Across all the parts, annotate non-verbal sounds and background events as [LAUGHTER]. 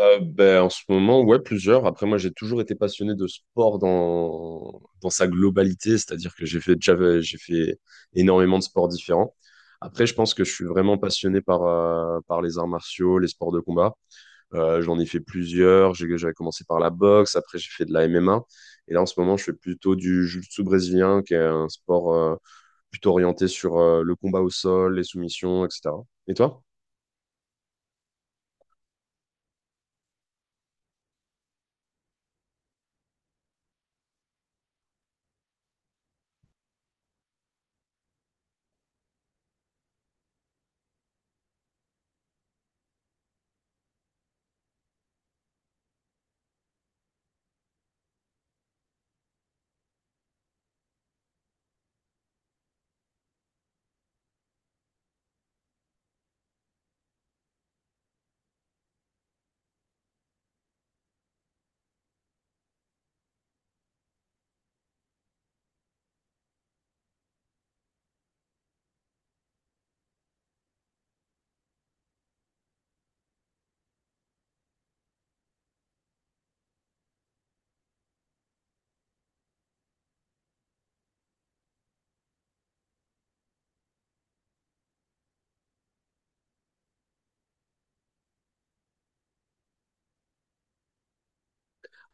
Ben, en ce moment, ouais, plusieurs. Après, moi, j'ai toujours été passionné de sport dans sa globalité, c'est-à-dire que j'ai fait énormément de sports différents. Après, je pense que je suis vraiment passionné par les arts martiaux, les sports de combat. J'en ai fait plusieurs. J'avais commencé par la boxe, après j'ai fait de la MMA. Et là, en ce moment, je fais plutôt du jiu-jitsu brésilien, qui est un sport plutôt orienté sur le combat au sol, les soumissions, etc. Et toi?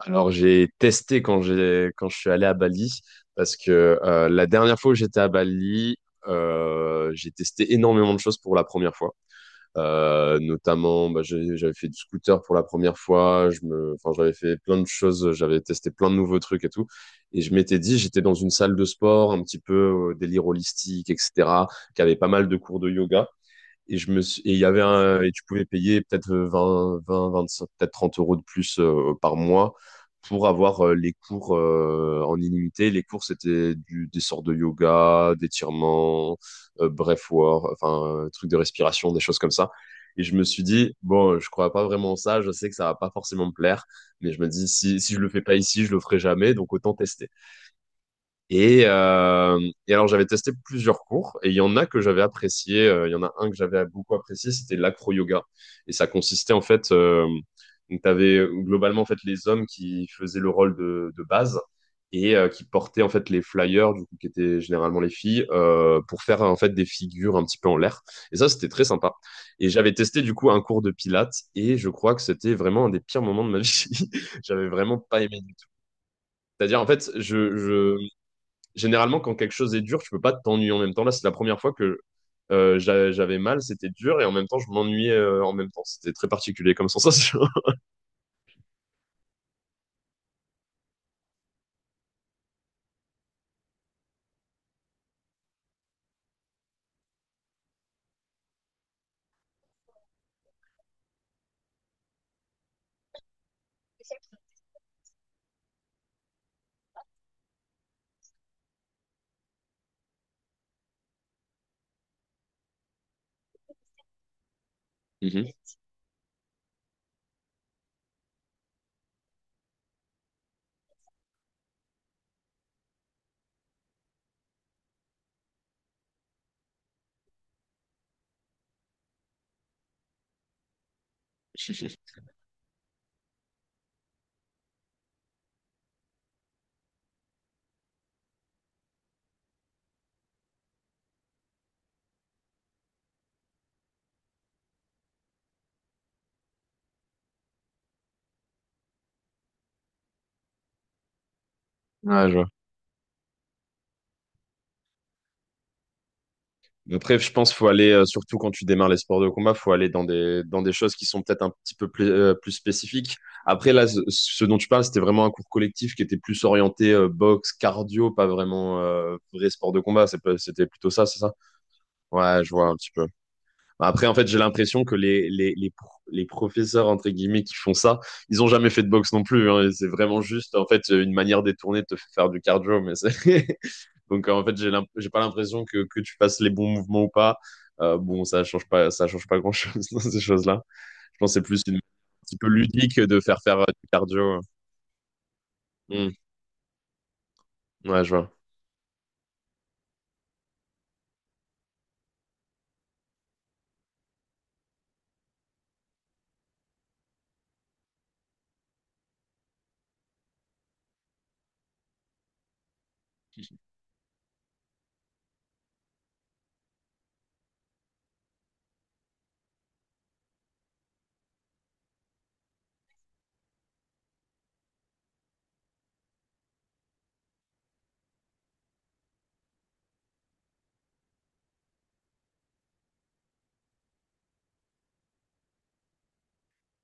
Alors, j'ai testé quand je suis allé à Bali parce que la dernière fois où j'étais à Bali, j'ai testé énormément de choses pour la première fois. Notamment, bah, j'avais fait du scooter pour la première fois. Enfin, j'avais fait plein de choses. J'avais testé plein de nouveaux trucs et tout. Et je m'étais dit, j'étais dans une salle de sport, un petit peu délire holistique, etc., qui avait pas mal de cours de yoga. Et je me suis, et il y avait un, Et tu pouvais payer peut-être vingt 25, peut-être 30 euros de plus par mois pour avoir les cours en illimité. Les cours, c'était des sortes de yoga, d'étirements, breathwork, enfin, trucs de respiration, des choses comme ça. Et je me suis dit, bon, je crois pas vraiment en ça, je sais que ça va pas forcément me plaire, mais je me dis, si je le fais pas ici, je le ferai jamais, donc autant tester. Et, euh, et alors, j'avais testé plusieurs cours et il y en a que j'avais apprécié. Il y en a un que j'avais beaucoup apprécié, c'était l'acro-yoga. Et ça consistait en fait, donc tu avais globalement en fait les hommes qui faisaient le rôle de base et qui portaient en fait les flyers, du coup, qui étaient généralement les filles, pour faire en fait des figures un petit peu en l'air. Et ça, c'était très sympa. Et j'avais testé du coup un cours de pilates et je crois que c'était vraiment un des pires moments de ma vie. [LAUGHS] J'avais vraiment pas aimé du tout. C'est-à-dire, en fait, généralement, quand quelque chose est dur, tu peux pas t'ennuyer en même temps. Là, c'est la première fois que j'avais mal, c'était dur, et en même temps, je m'ennuyais en même temps. C'était très particulier comme sensation. [LAUGHS] Mhm. Ouais, je vois. Après, je pense faut aller, surtout quand tu démarres les sports de combat, faut aller dans des choses qui sont peut-être un petit peu plus spécifiques. Après, là, ce dont tu parles, c'était vraiment un cours collectif qui était plus orienté boxe, cardio, pas vraiment vrai sport de combat. C'est pas- C'était plutôt ça, c'est ça? Ouais, je vois un petit peu. Après, en fait, j'ai l'impression que les professeurs, entre guillemets, qui font ça, ils ont jamais fait de boxe non plus, hein. C'est vraiment juste, en fait, une manière détournée de te faire faire du cardio. Mais [LAUGHS] Donc, en fait, j'ai pas l'impression que tu fasses les bons mouvements ou pas. Bon, ça change pas grand-chose [LAUGHS] dans ces choses-là. Je pense que c'est plus une un petit peu ludique de faire faire du cardio, hein. Hmm. Ouais, je vois.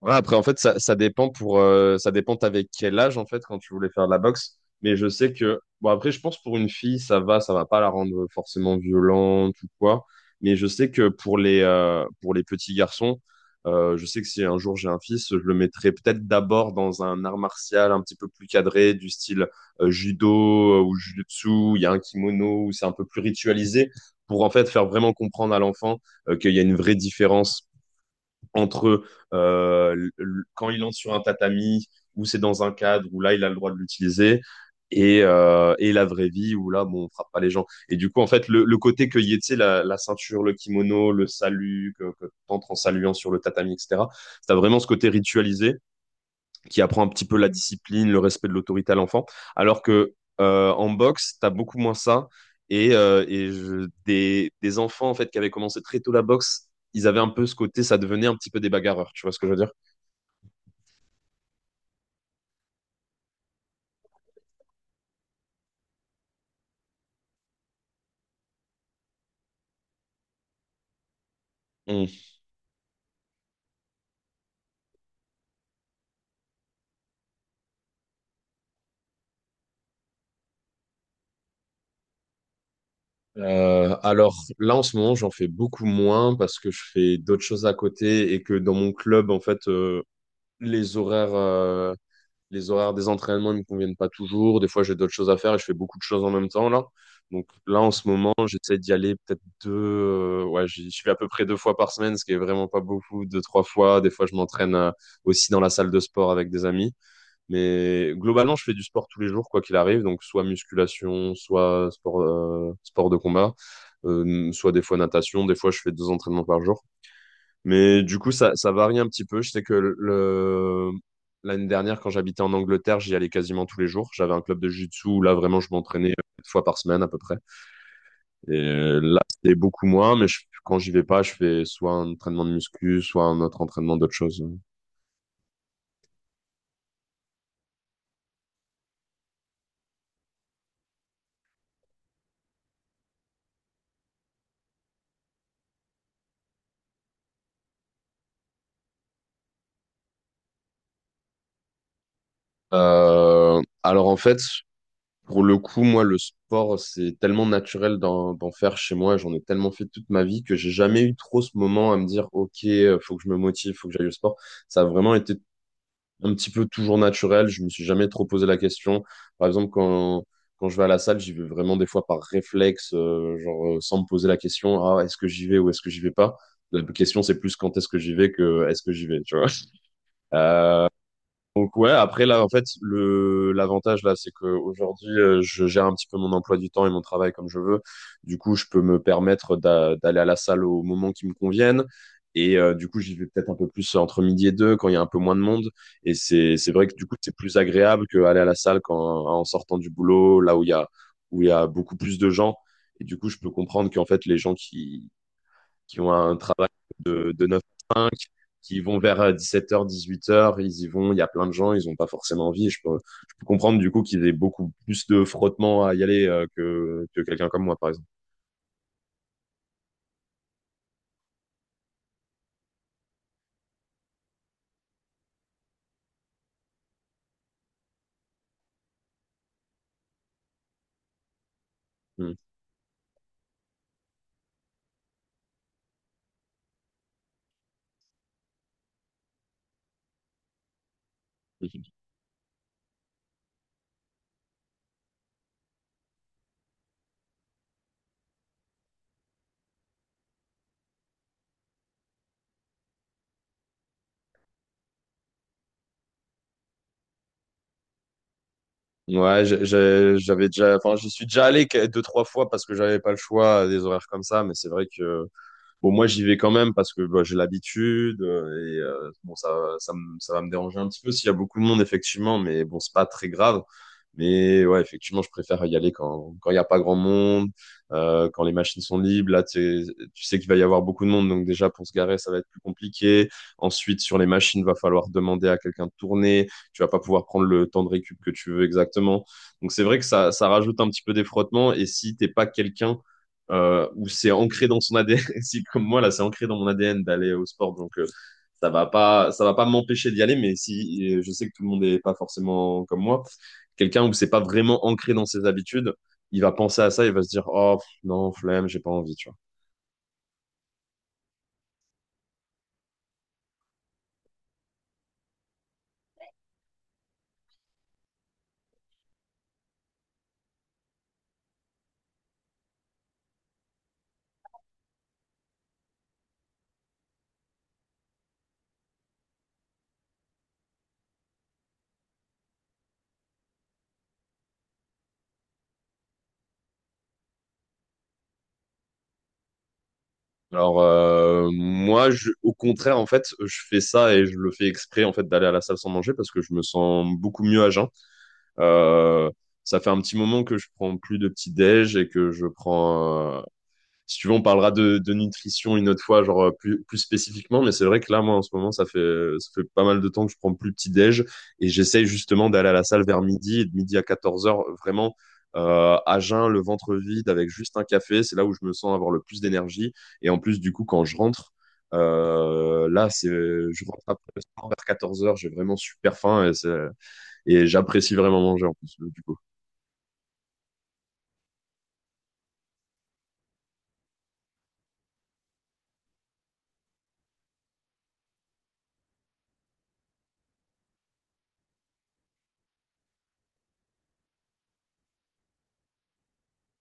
Ouais, après, en fait, ça dépend t'avais quel âge, en fait, quand tu voulais faire de la boxe. Mais je sais que, bon, après, je pense pour une fille, ça va pas la rendre forcément violente ou quoi. Mais je sais que pour les petits garçons, je sais que si un jour j'ai un fils, je le mettrai peut-être d'abord dans un art martial un petit peu plus cadré, du style judo ou jujutsu, où il y a un kimono, où c'est un peu plus ritualisé, pour en fait faire vraiment comprendre à l'enfant qu'il y a une vraie différence entre quand il entre sur un tatami, où c'est dans un cadre, où là, il a le droit de l'utiliser, et la vraie vie, où là, bon, on frappe pas les gens. Et du coup, en fait, le côté que y ait, tu sais, la ceinture, le kimono, le salut, que t'entres en saluant sur le tatami, etc., t'as vraiment ce côté ritualisé qui apprend un petit peu la discipline, le respect de l'autorité à l'enfant. Alors que en boxe, tu as beaucoup moins ça. Et des enfants en fait qui avaient commencé très tôt la boxe, ils avaient un peu ce côté, ça devenait un petit peu des bagarreurs. Tu vois ce que je veux dire? Hmm. Alors là en ce moment, j'en fais beaucoup moins parce que je fais d'autres choses à côté et que dans mon club en fait, les horaires les horaires des entraînements ne me conviennent pas toujours. Des fois, j'ai d'autres choses à faire et je fais beaucoup de choses en même temps là. Donc là, en ce moment, j'essaie d'y aller peut-être deux. Ouais, j'y vais à peu près deux fois par semaine, ce qui est vraiment pas beaucoup, deux, trois fois. Des fois, je m'entraîne aussi dans la salle de sport avec des amis. Mais globalement, je fais du sport tous les jours, quoi qu'il arrive. Donc soit musculation, sport de combat, soit des fois natation. Des fois, je fais deux entraînements par jour. Mais du coup, ça varie un petit peu. Je sais que l'année dernière, quand j'habitais en Angleterre, j'y allais quasiment tous les jours. J'avais un club de jiu-jitsu où là, vraiment, je m'entraînais quatre fois par semaine à peu près. Et là, c'était beaucoup moins, mais quand j'y vais pas, je fais soit un entraînement de muscu, soit un autre entraînement d'autre chose. Alors en fait, pour le coup, moi, le sport, c'est tellement naturel d'en faire chez moi. J'en ai tellement fait toute ma vie que j'ai jamais eu trop ce moment à me dire, OK, faut que je me motive, faut que j'aille au sport. Ça a vraiment été un petit peu toujours naturel. Je me suis jamais trop posé la question. Par exemple, quand je vais à la salle, j'y vais vraiment des fois par réflexe, genre sans me poser la question, ah, est-ce que j'y vais ou est-ce que j'y vais pas? La question, c'est plus quand est-ce que j'y vais que est-ce que j'y vais, tu vois. Euh, donc ouais, après là en fait le l'avantage là c'est que aujourd'hui je gère un petit peu mon emploi du temps et mon travail comme je veux. Du coup, je peux me permettre d'aller à la salle au moment qui me convienne et du coup, j'y vais peut-être un peu plus entre midi et deux quand il y a un peu moins de monde et c'est vrai que du coup, c'est plus agréable qu'aller à la salle quand en sortant du boulot là où il y a beaucoup plus de gens et du coup, je peux comprendre qu'en fait les gens qui ont un travail de 9 à cinq, qui vont vers 17 heures 18 heures, ils y vont, il y a plein de gens, ils n'ont pas forcément envie. Je peux comprendre du coup qu'il y ait beaucoup plus de frottement à y aller que quelqu'un comme moi, par exemple. Mm. Ouais, j'avais déjà, enfin, j'y suis déjà allé deux, trois fois parce que j'avais pas le choix à des horaires comme ça, mais c'est vrai que Bon, moi, j'y vais quand même parce que bah, j'ai l'habitude et bon, ça va me déranger un petit peu s'il y a beaucoup de monde, effectivement, mais bon, c'est pas très grave. Mais ouais, effectivement, je préfère y aller quand il n'y a pas grand monde, quand les machines sont libres. Là, tu sais qu'il va y avoir beaucoup de monde, donc déjà pour se garer, ça va être plus compliqué. Ensuite, sur les machines, va falloir demander à quelqu'un de tourner. Tu vas pas pouvoir prendre le temps de récup que tu veux exactement. Donc c'est vrai que ça rajoute un petit peu des frottements. Et si t'es pas quelqu'un où c'est ancré dans son ADN. [LAUGHS] Si comme moi là, c'est ancré dans mon ADN d'aller au sport, donc ça va pas m'empêcher d'y aller. Mais si je sais que tout le monde n'est pas forcément comme moi, quelqu'un où c'est pas vraiment ancré dans ses habitudes, il va penser à ça, il va se dire oh pff, non flemme, j'ai pas envie, tu vois. Alors moi, au contraire, en fait, je fais ça et je le fais exprès en fait d'aller à la salle sans manger parce que je me sens beaucoup mieux à jeun. Euh, Ça fait un petit moment que je prends plus de petit déj et que je prends si tu veux, on parlera de nutrition une autre fois, genre plus spécifiquement. Mais c'est vrai que là, moi, en ce moment, ça fait pas mal de temps que je prends plus petit déj et j'essaye justement d'aller à la salle vers midi et de midi à 14 heures, vraiment à jeun, le ventre vide, avec juste un café. C'est là où je me sens avoir le plus d'énergie. Et en plus, du coup, quand je rentre, je rentre après le sport vers 14 heures, j'ai vraiment super faim et j'apprécie vraiment manger en plus. Du coup.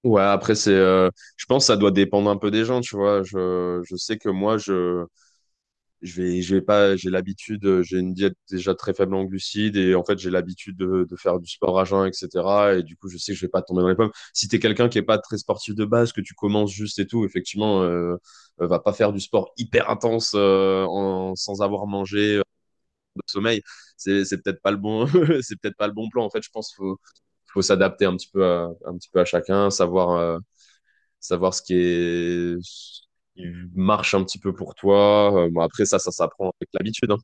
Ouais, après je pense que ça doit dépendre un peu des gens, tu vois. Je sais que moi je vais pas, j'ai l'habitude, j'ai une diète déjà très faible en glucides et en fait j'ai l'habitude de faire du sport à jeun, etc. Et du coup je sais que je vais pas tomber dans les pommes. Si t'es quelqu'un qui est pas très sportif de base, que tu commences juste et tout, effectivement, va pas faire du sport hyper intense sans avoir mangé de sommeil. C'est peut-être pas le bon, [LAUGHS] c'est peut-être pas le bon plan. En fait, je pense qu'il faut s'adapter un petit peu à chacun, savoir. Savoir ce qui marche un petit peu pour toi. Bon, après ça, ça s'apprend avec l'habitude, hein.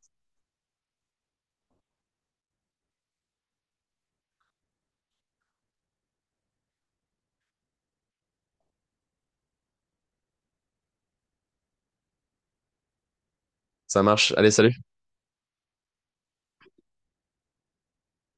Ça marche. Allez, salut.